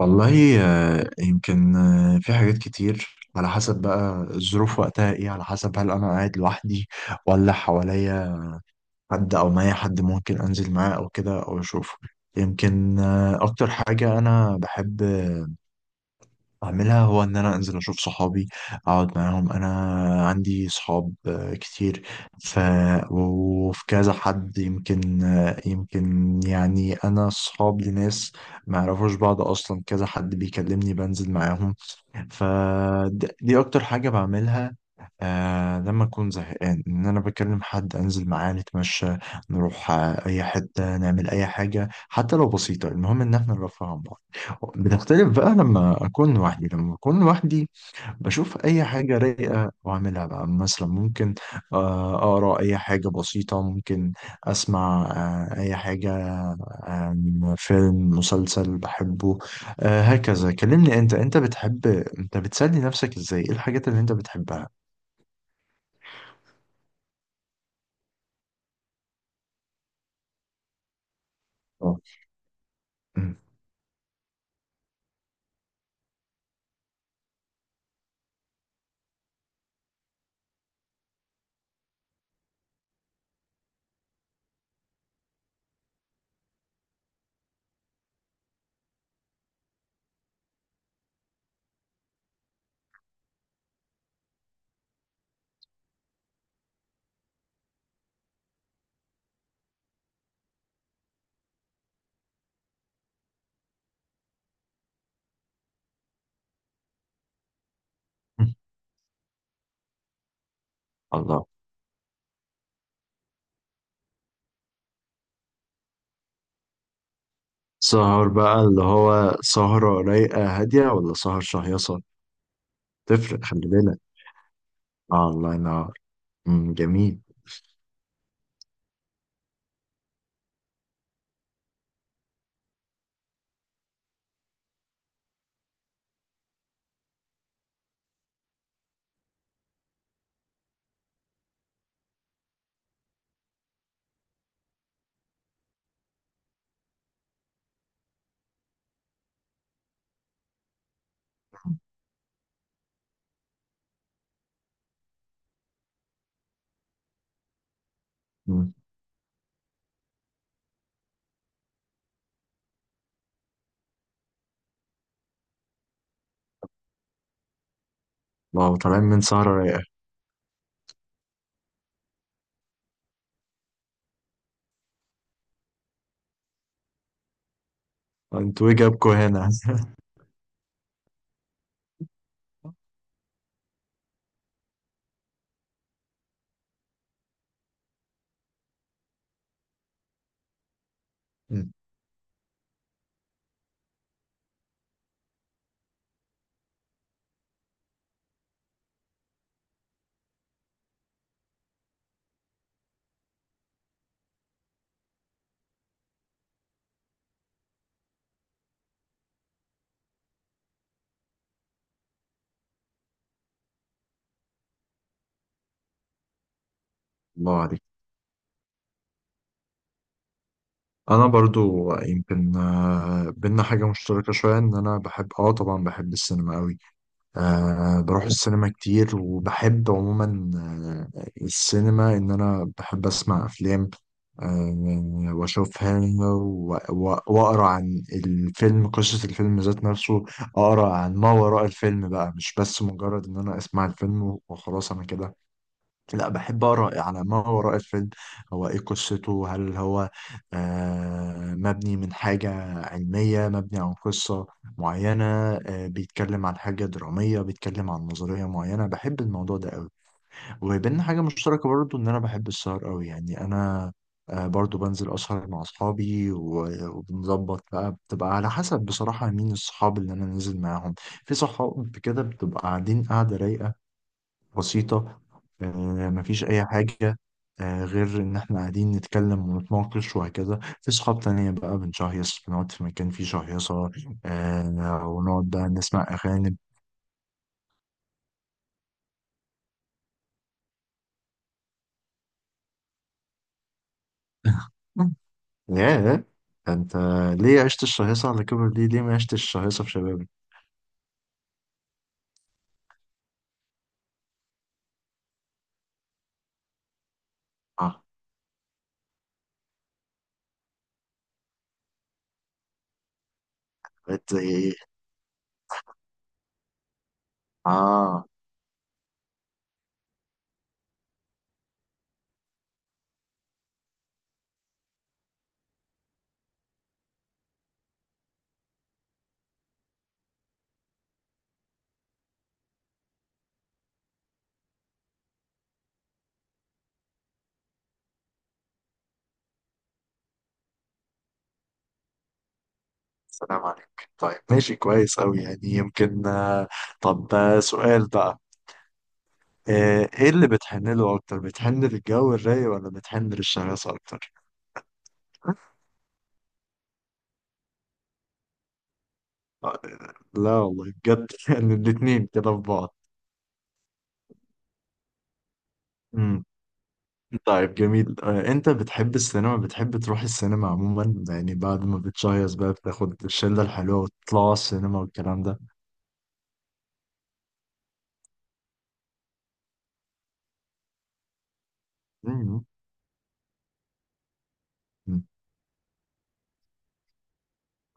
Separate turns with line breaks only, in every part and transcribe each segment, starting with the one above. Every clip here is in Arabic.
والله يمكن في حاجات كتير على حسب بقى الظروف وقتها ايه، على حسب هل انا قاعد لوحدي ولا حواليا حد او معايا حد ممكن انزل معاه او كده او اشوفه. يمكن اكتر حاجة انا بحب اعملها هو ان انا انزل اشوف صحابي، اقعد معاهم. انا عندي صحاب كتير. ف وفي كذا حد، يمكن يمكن يعني انا صحاب لناس ما يعرفوش بعض اصلا، كذا حد بيكلمني بنزل معاهم. فدي اكتر حاجة بعملها، آه لما اكون زهقان ان انا بكلم حد انزل معاه نتمشى، نروح اي حتة، نعمل اي حاجة حتى لو بسيطة، المهم ان احنا نرفه عن بعض. بتختلف بقى لما اكون لوحدي. بشوف اي حاجه رايقه واعملها بقى، مثلا ممكن اقرا اي حاجه بسيطه، ممكن اسمع اي حاجه، فيلم مسلسل بحبه. هكذا. كلمني انت بتحب، انت بتسلي نفسك ازاي؟ ايه الحاجات اللي انت بتحبها؟ آه. م- م- الله. سهر بقى اللي هو سهرة رايقة هادية، ولا سهر شهيصة؟ تفرق، خلي بالك. آه، الله ينور. م، جميل. م، واو، طالعين من سهرة رايقة. انتوا ايه جابكوا هنا؟ مم. الله عليك. انا برضو يمكن بينا حاجه مشتركه شويه، ان انا بحب، طبعا بحب السينما قوي. أه، بروح السينما كتير وبحب عموما السينما، ان انا بحب اسمع افلام. أه واشوفها واقرا عن الفيلم، قصه الفيلم ذات نفسه. اقرا عن ما وراء الفيلم بقى، مش بس مجرد ان انا اسمع الفيلم وخلاص، انا كده لا، بحب أقرأ على ما وراء الفيلم. هو إيه قصته؟ هل هو مبني من حاجة علمية، مبني عن قصة معينة، بيتكلم عن حاجة درامية، بيتكلم عن نظرية معينة؟ بحب الموضوع ده قوي. وبيننا حاجة مشتركة برضو، إن أنا بحب السهر قوي. يعني أنا برضو بنزل أسهر مع أصحابي، وبنظبط بقى، بتبقى على حسب بصراحة مين الصحاب اللي أنا نازل معاهم. في صحاب كده بتبقى قاعدين قاعدة رايقة بسيطة، آه، مفيش أي حاجة غير إن إحنا قاعدين نتكلم ونتناقش وهكذا. في صحاب تانية بقى بنشهيص، بنقعد في مكان فيه شهيصة، ونقعد بقى نسمع أغاني. ياه! أنت ليه عشت الشهيصة على كبر دي؟ ليه ما عشتش الشهيصة في شبابك؟ آه، بقيت زي إيه؟ آه، سلام عليك. طيب ماشي، كويس أوي يعني، يمكن طب سؤال بقى. إيه اللي بتحن له أكتر؟ بتحن للجو الرايق ولا بتحن للشهيصة أكتر؟ آه، لا والله بجد. يعني الاتنين كده في بعض. امم طيب جميل. انت بتحب السينما، بتحب تروح السينما عموما، يعني بعد ما بتشيص بقى بتاخد الشلة الحلوة وتطلع السينما والكلام ده؟ امم أمم،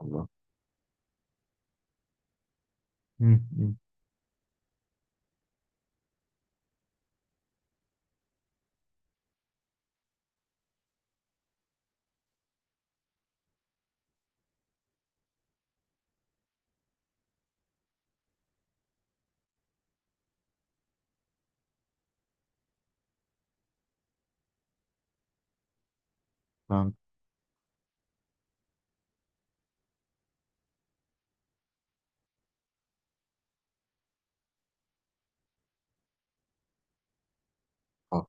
الله. أمم، فاهم. آه.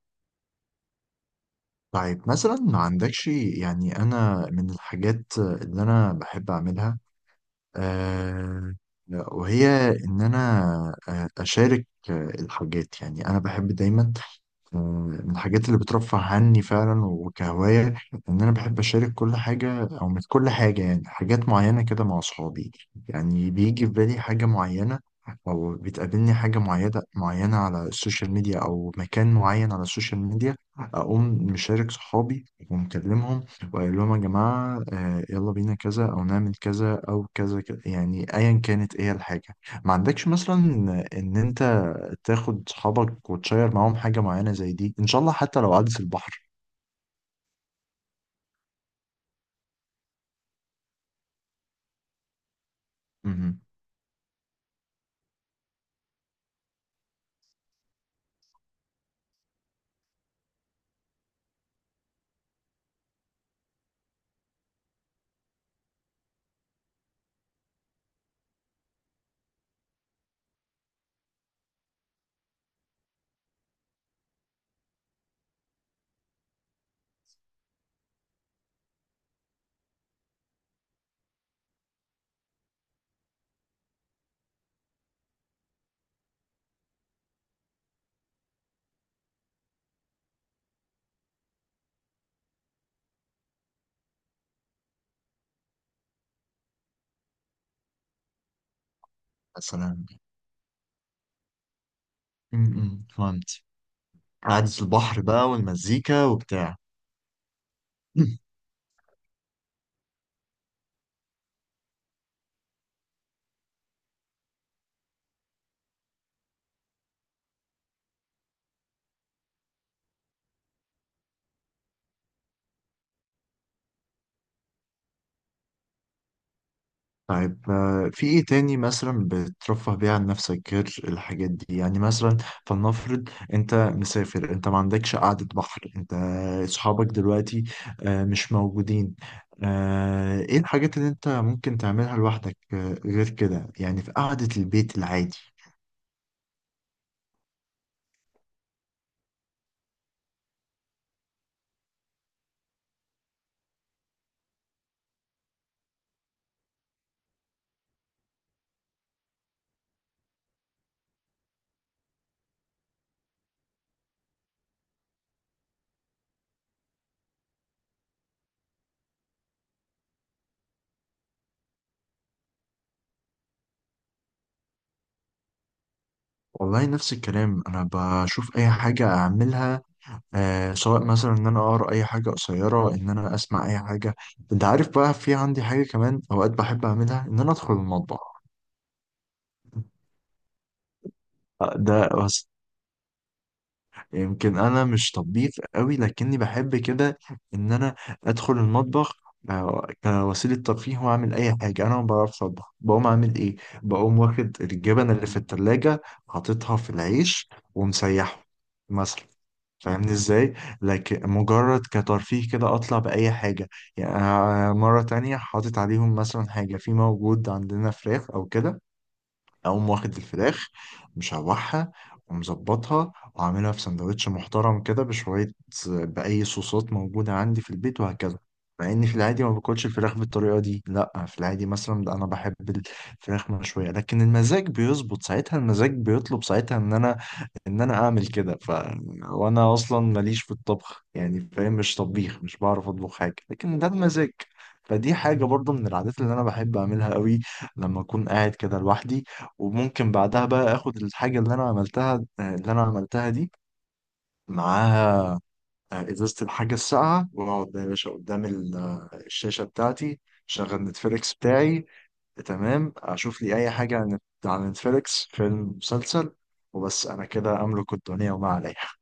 طيب مثلا ما عندكش، يعني انا من الحاجات اللي انا بحب اعملها آه وهي ان انا اشارك الحاجات. يعني انا بحب دايما، من الحاجات اللي بترفه عني فعلا وكهواية إن أنا بحب أشارك كل حاجة، أو مش كل حاجة يعني، حاجات معينة كده مع أصحابي. يعني بيجي في بالي حاجة معينة، أو بتقابلني حاجة معينة على السوشيال ميديا، أو مكان معين على السوشيال ميديا، أقوم مشارك صحابي ومكلمهم وأقول لهم يا جماعة يلا بينا كذا أو نعمل كذا أو كذا كذا، يعني أيا كانت إيه الحاجة. ما عندكش مثلا إن أنت تاخد صحابك وتشير معاهم حاجة معينة زي دي إن شاء الله، حتى لو عدس البحر؟ مهم. مثلا. مهم، فهمت. عدس البحر بقى والمزيكا وبتاع. مم. طيب في إيه تاني مثلا بترفه بيه عن نفسك غير الحاجات دي؟ يعني مثلا فلنفرض أنت مسافر، أنت ما عندكش قعدة بحر، أنت صحابك دلوقتي مش موجودين، إيه الحاجات اللي أنت ممكن تعملها لوحدك غير كده، يعني في قعدة البيت العادي؟ والله نفس الكلام، انا بشوف اي حاجه اعملها، سواء مثلا ان انا اقرا اي حاجه قصيره، ان انا اسمع اي حاجه. انت عارف بقى في عندي حاجه كمان اوقات بحب اعملها، ان انا ادخل المطبخ. ده بس يمكن انا مش طبيخ قوي، لكني بحب كده ان انا ادخل المطبخ كوسيلة ترفيه. وأعمل أي حاجة، أنا ما بعرفش أطبخ، بقوم أعمل إيه؟ بقوم واخد الجبن اللي في التلاجة، حاططها في العيش ومسيحه مثلا. فاهمني ازاي؟ لكن مجرد كترفيه كده، اطلع باي حاجه. يعني أنا مره تانية، حاطط عليهم مثلا حاجه، في موجود عندنا فراخ او كده، اقوم واخد الفراخ، مشوحها ومظبطها وعاملها في سندوتش محترم كده بشويه، باي صوصات موجوده عندي في البيت وهكذا، مع اني في العادي ما باكلش الفراخ بالطريقه دي. لا، في العادي مثلا لا، انا بحب الفراخ مشويه. لكن المزاج بيظبط ساعتها، المزاج بيطلب ساعتها ان انا اعمل كده. وانا اصلا ماليش في الطبخ يعني، فاهم؟ مش طبيخ، مش بعرف اطبخ حاجه، لكن ده بمزاج. فدي حاجه برضو من العادات اللي انا بحب اعملها قوي لما اكون قاعد كده لوحدي. وممكن بعدها بقى اخد الحاجه اللي انا عملتها دي معاها ازازه الحاجه الساقعه، واقعد بقى يا باشا قدام الشاشه بتاعتي، شغل نتفليكس بتاعي، تمام، اشوف لي اي حاجه عن نتفليكس، فيلم مسلسل. وبس، انا كده املك الدنيا وما عليها.